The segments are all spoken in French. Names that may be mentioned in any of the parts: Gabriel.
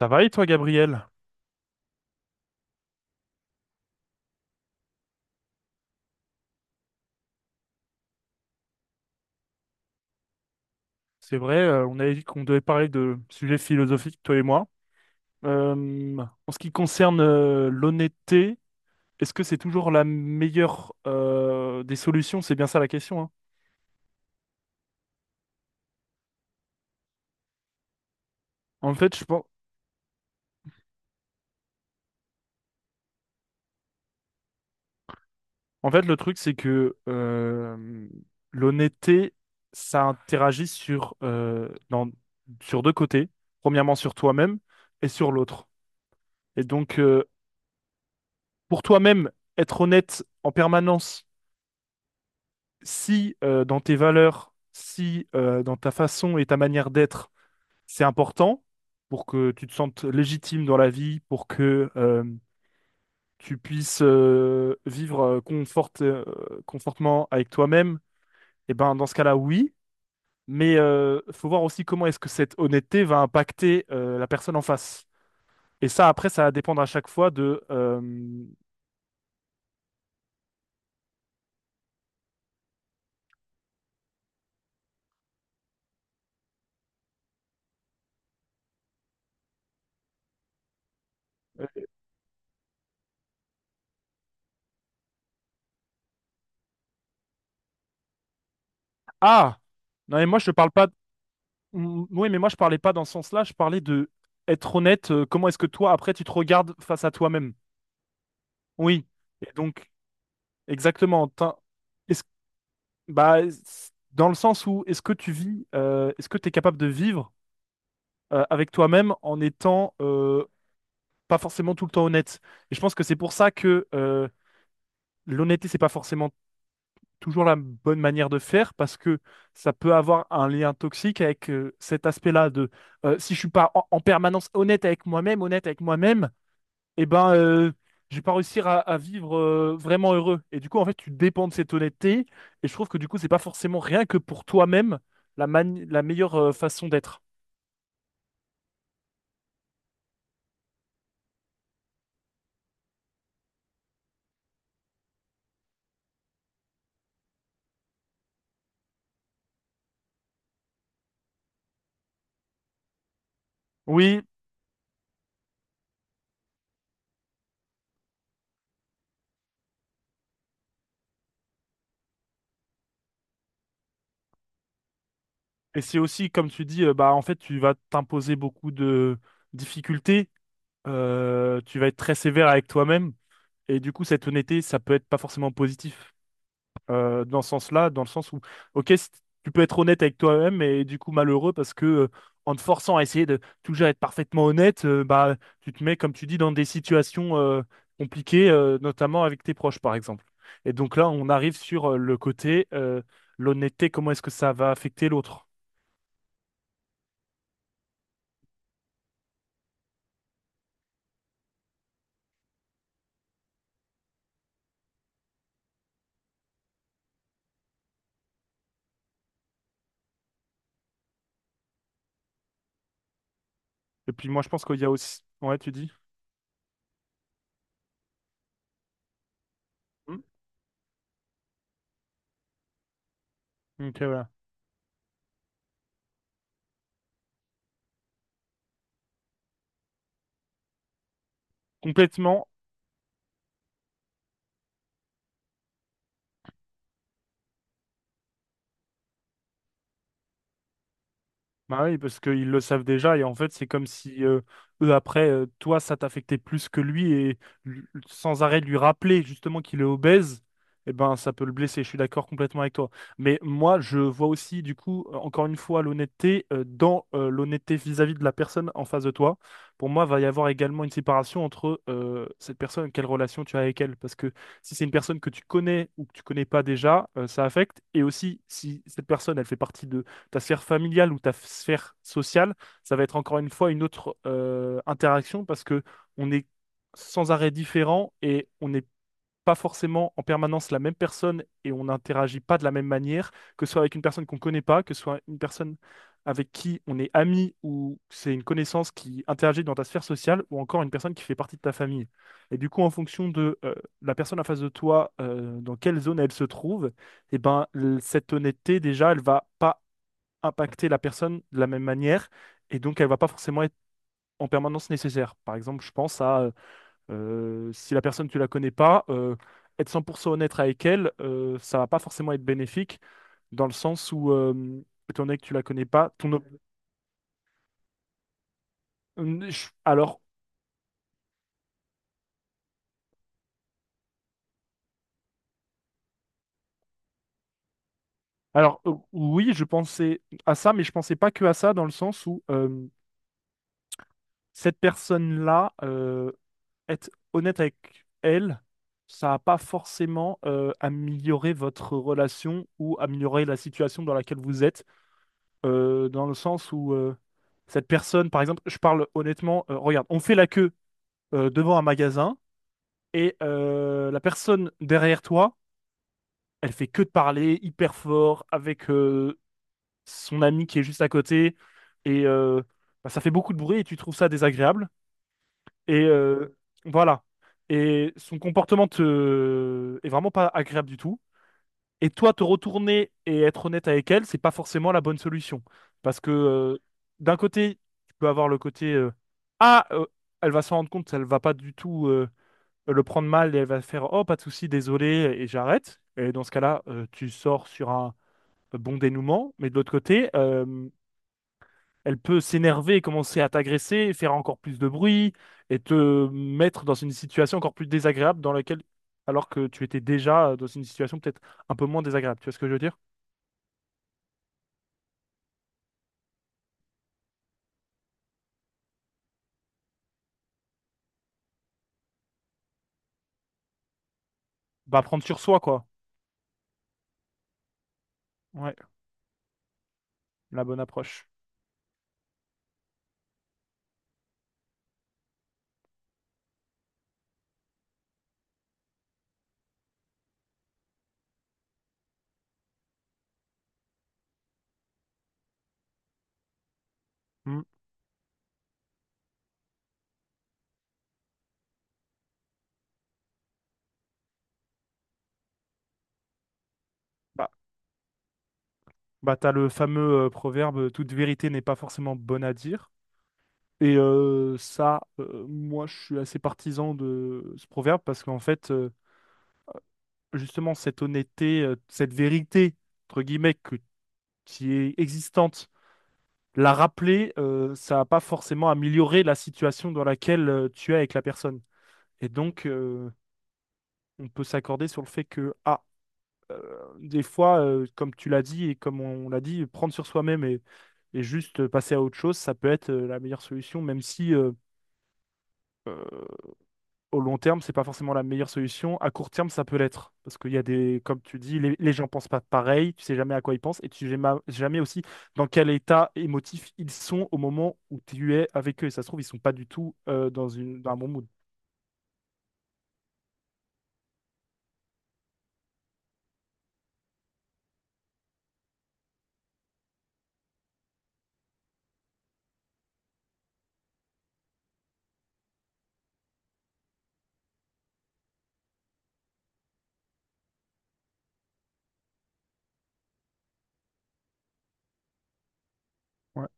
Ça va et toi, Gabriel? C'est vrai, on avait dit qu'on devait parler de sujets philosophiques, toi et moi. En ce qui concerne l'honnêteté, est-ce que c'est toujours la meilleure des solutions? C'est bien ça la question, hein. En fait, je pense... En fait, le truc, c'est que l'honnêteté, ça interagit sur sur deux côtés. Premièrement, sur toi-même et sur l'autre. Et donc, pour toi-même, être honnête en permanence si dans tes valeurs, si dans ta façon et ta manière d'être, c'est important pour que tu te sentes légitime dans la vie, pour que tu puisses vivre confortement avec toi-même, et ben dans ce cas-là, oui. Mais faut voir aussi comment est-ce que cette honnêteté va impacter la personne en face. Et ça, après, ça va dépendre à chaque fois de Ah! Non, mais moi, je ne parle pas. Mm. Oui, mais moi je parlais pas dans ce sens-là, je parlais de être honnête, comment est-ce que toi après tu te regardes face à toi-même? Oui. Et donc, exactement. Est-ce- Bah, dans le sens où est-ce que tu vis, est-ce que tu es capable de vivre avec toi-même en étant pas forcément tout le temps honnête? Et je pense que c'est pour ça que l'honnêteté, c'est pas forcément toujours la bonne manière de faire, parce que ça peut avoir un lien toxique avec cet aspect-là de si je suis pas en permanence honnête avec moi-même eh ben, je vais pas réussir à vivre vraiment heureux. Et du coup, en fait, tu dépends de cette honnêteté. Et je trouve que du coup, c'est pas forcément rien que pour toi-même la meilleure façon d'être. Oui, et c'est aussi, comme tu dis, bah, en fait, tu vas t'imposer beaucoup de difficultés. Tu vas être très sévère avec toi-même. Et du coup, cette honnêteté, ça peut être pas forcément positif. Dans ce sens-là, dans le sens où, ok, tu peux être honnête avec toi-même et du coup malheureux parce que en te forçant à essayer de toujours être parfaitement honnête, bah, tu te mets, comme tu dis, dans des situations compliquées, notamment avec tes proches, par exemple. Et donc là, on arrive sur le côté, l'honnêteté, comment est-ce que ça va affecter l'autre? Et puis moi, je pense qu'il y a aussi... Ouais, tu dis? Hmm. Ok, voilà. Complètement. Bah oui, parce qu'ils le savent déjà, et en fait, c'est comme si eux, après, toi, ça t'affectait plus que lui, et sans arrêt lui rappeler justement qu'il est obèse, eh ben, ça peut le blesser. Je suis d'accord complètement avec toi. Mais moi, je vois aussi, du coup, encore une fois, l'honnêteté vis-à-vis de la personne en face de toi. Pour moi, va y avoir également une séparation entre cette personne, quelle relation tu as avec elle. Parce que si c'est une personne que tu connais ou que tu connais pas déjà, ça affecte. Et aussi, si cette personne, elle fait partie de ta sphère familiale ou ta sphère sociale, ça va être encore une fois une autre interaction parce que on est sans arrêt différent et on n'est pas forcément en permanence la même personne et on n'interagit pas de la même manière, que ce soit avec une personne qu'on ne connaît pas, que ce soit une personne avec qui on est ami ou c'est une connaissance qui interagit dans ta sphère sociale ou encore une personne qui fait partie de ta famille. Et du coup, en fonction de la personne en face de toi, dans quelle zone elle se trouve, eh ben, cette honnêteté, déjà, elle va pas impacter la personne de la même manière et donc elle va pas forcément être en permanence nécessaire. Par exemple, je pense à si la personne tu la connais pas, être 100% honnête avec elle, ça va pas forcément être bénéfique dans le sens où étant donné que tu la connais pas, ton op- je- alors oui, je pensais à ça, mais je pensais pas que à ça dans le sens où cette personne-là être honnête avec elle, ça n'a pas forcément amélioré votre relation ou amélioré la situation dans laquelle vous êtes, dans le sens où cette personne, par exemple, je parle honnêtement, regarde, on fait la queue devant un magasin et la personne derrière toi, elle fait que de parler hyper fort avec son ami qui est juste à côté et bah, ça fait beaucoup de bruit et tu trouves ça désagréable. Et voilà. Et son comportement est vraiment pas agréable du tout. Et toi, te retourner et être honnête avec elle, c'est pas forcément la bonne solution. Parce que d'un côté, tu peux avoir le côté Ah, euh, elle va s'en rendre compte, elle va pas du tout le prendre mal et elle va faire Oh, pas de souci, désolé, et j'arrête. Et dans ce cas-là, tu sors sur un bon dénouement. Mais de l'autre côté, elle peut s'énerver, commencer à t'agresser, faire encore plus de bruit et te mettre dans une situation encore plus désagréable dans laquelle, alors que tu étais déjà dans une situation peut-être un peu moins désagréable. Tu vois ce que je veux dire? Bah, prendre sur soi, quoi. Ouais, la bonne approche. Hmm. Bah, t'as le fameux proverbe, toute vérité n'est pas forcément bonne à dire. Et ça, moi, je suis assez partisan de ce proverbe parce qu'en fait, justement, cette honnêteté, cette vérité, entre guillemets, qui est existante la rappeler, ça n'a pas forcément amélioré la situation dans laquelle tu es avec la personne. Et donc, on peut s'accorder sur le fait que, euh, des fois, comme tu l'as dit et comme on l'a dit, prendre sur soi-même et juste passer à autre chose, ça peut être la meilleure solution, même si au long terme, c'est pas forcément la meilleure solution. À court terme, ça peut l'être. Parce qu'il y a comme tu dis, les gens pensent pas pareil, tu sais jamais à quoi ils pensent et tu sais jamais aussi dans quel état émotif ils sont au moment où tu es avec eux. Et ça se trouve, ils sont pas du tout dans un bon mood. Ouais.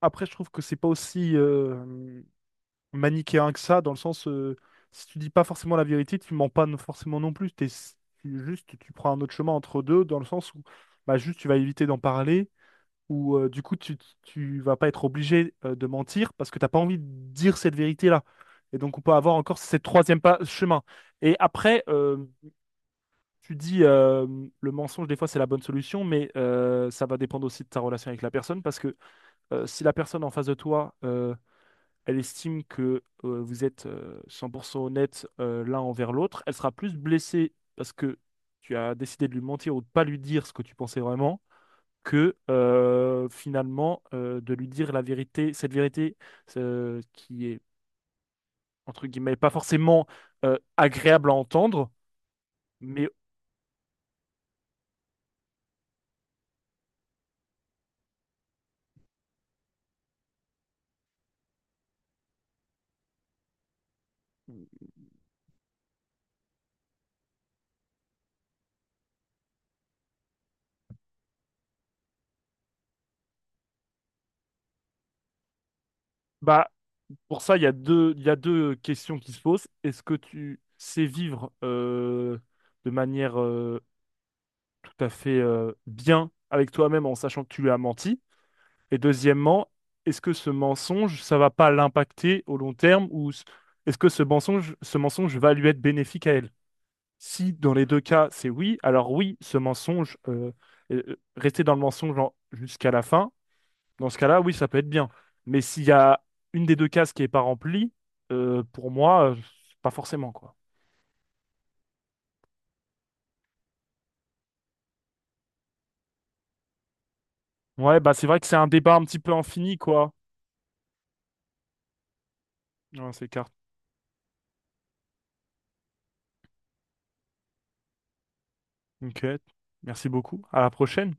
Après, je trouve que c'est pas aussi manichéen que ça, dans le sens, si tu dis pas forcément la vérité, tu mens pas forcément non plus. Juste, tu prends un autre chemin entre deux, dans le sens où bah, juste, tu vas éviter d'en parler où du coup tu vas pas être obligé de mentir parce que t'as pas envie de dire cette vérité-là. Et donc on peut avoir encore cette troisième pas, chemin. Et après, tu dis le mensonge, des fois c'est la bonne solution, mais ça va dépendre aussi de ta relation avec la personne parce que si la personne en face de toi, elle estime que vous êtes 100% honnête l'un envers l'autre, elle sera plus blessée parce que tu as décidé de lui mentir ou de pas lui dire ce que tu pensais vraiment que finalement de lui dire la vérité, cette vérité qui est entre guillemets pas forcément agréable à entendre, mais bah pour ça il y a deux questions qui se posent. Est-ce que tu sais vivre de manière tout à fait bien avec toi-même en sachant que tu lui as menti? Et deuxièmement, est-ce que ce mensonge ça va pas l'impacter au long terme ou est-ce que ce mensonge va lui être bénéfique à elle? Si dans les deux cas, c'est oui, alors oui, ce mensonge, rester dans le mensonge jusqu'à la fin, dans ce cas-là, oui, ça peut être bien. Mais s'il y a une des deux cases qui n'est pas remplie, pour moi, pas forcément, quoi. Ouais, bah c'est vrai que c'est un débat un petit peu infini, quoi. Ouais, c'est clair. Ok, merci beaucoup. À la prochaine.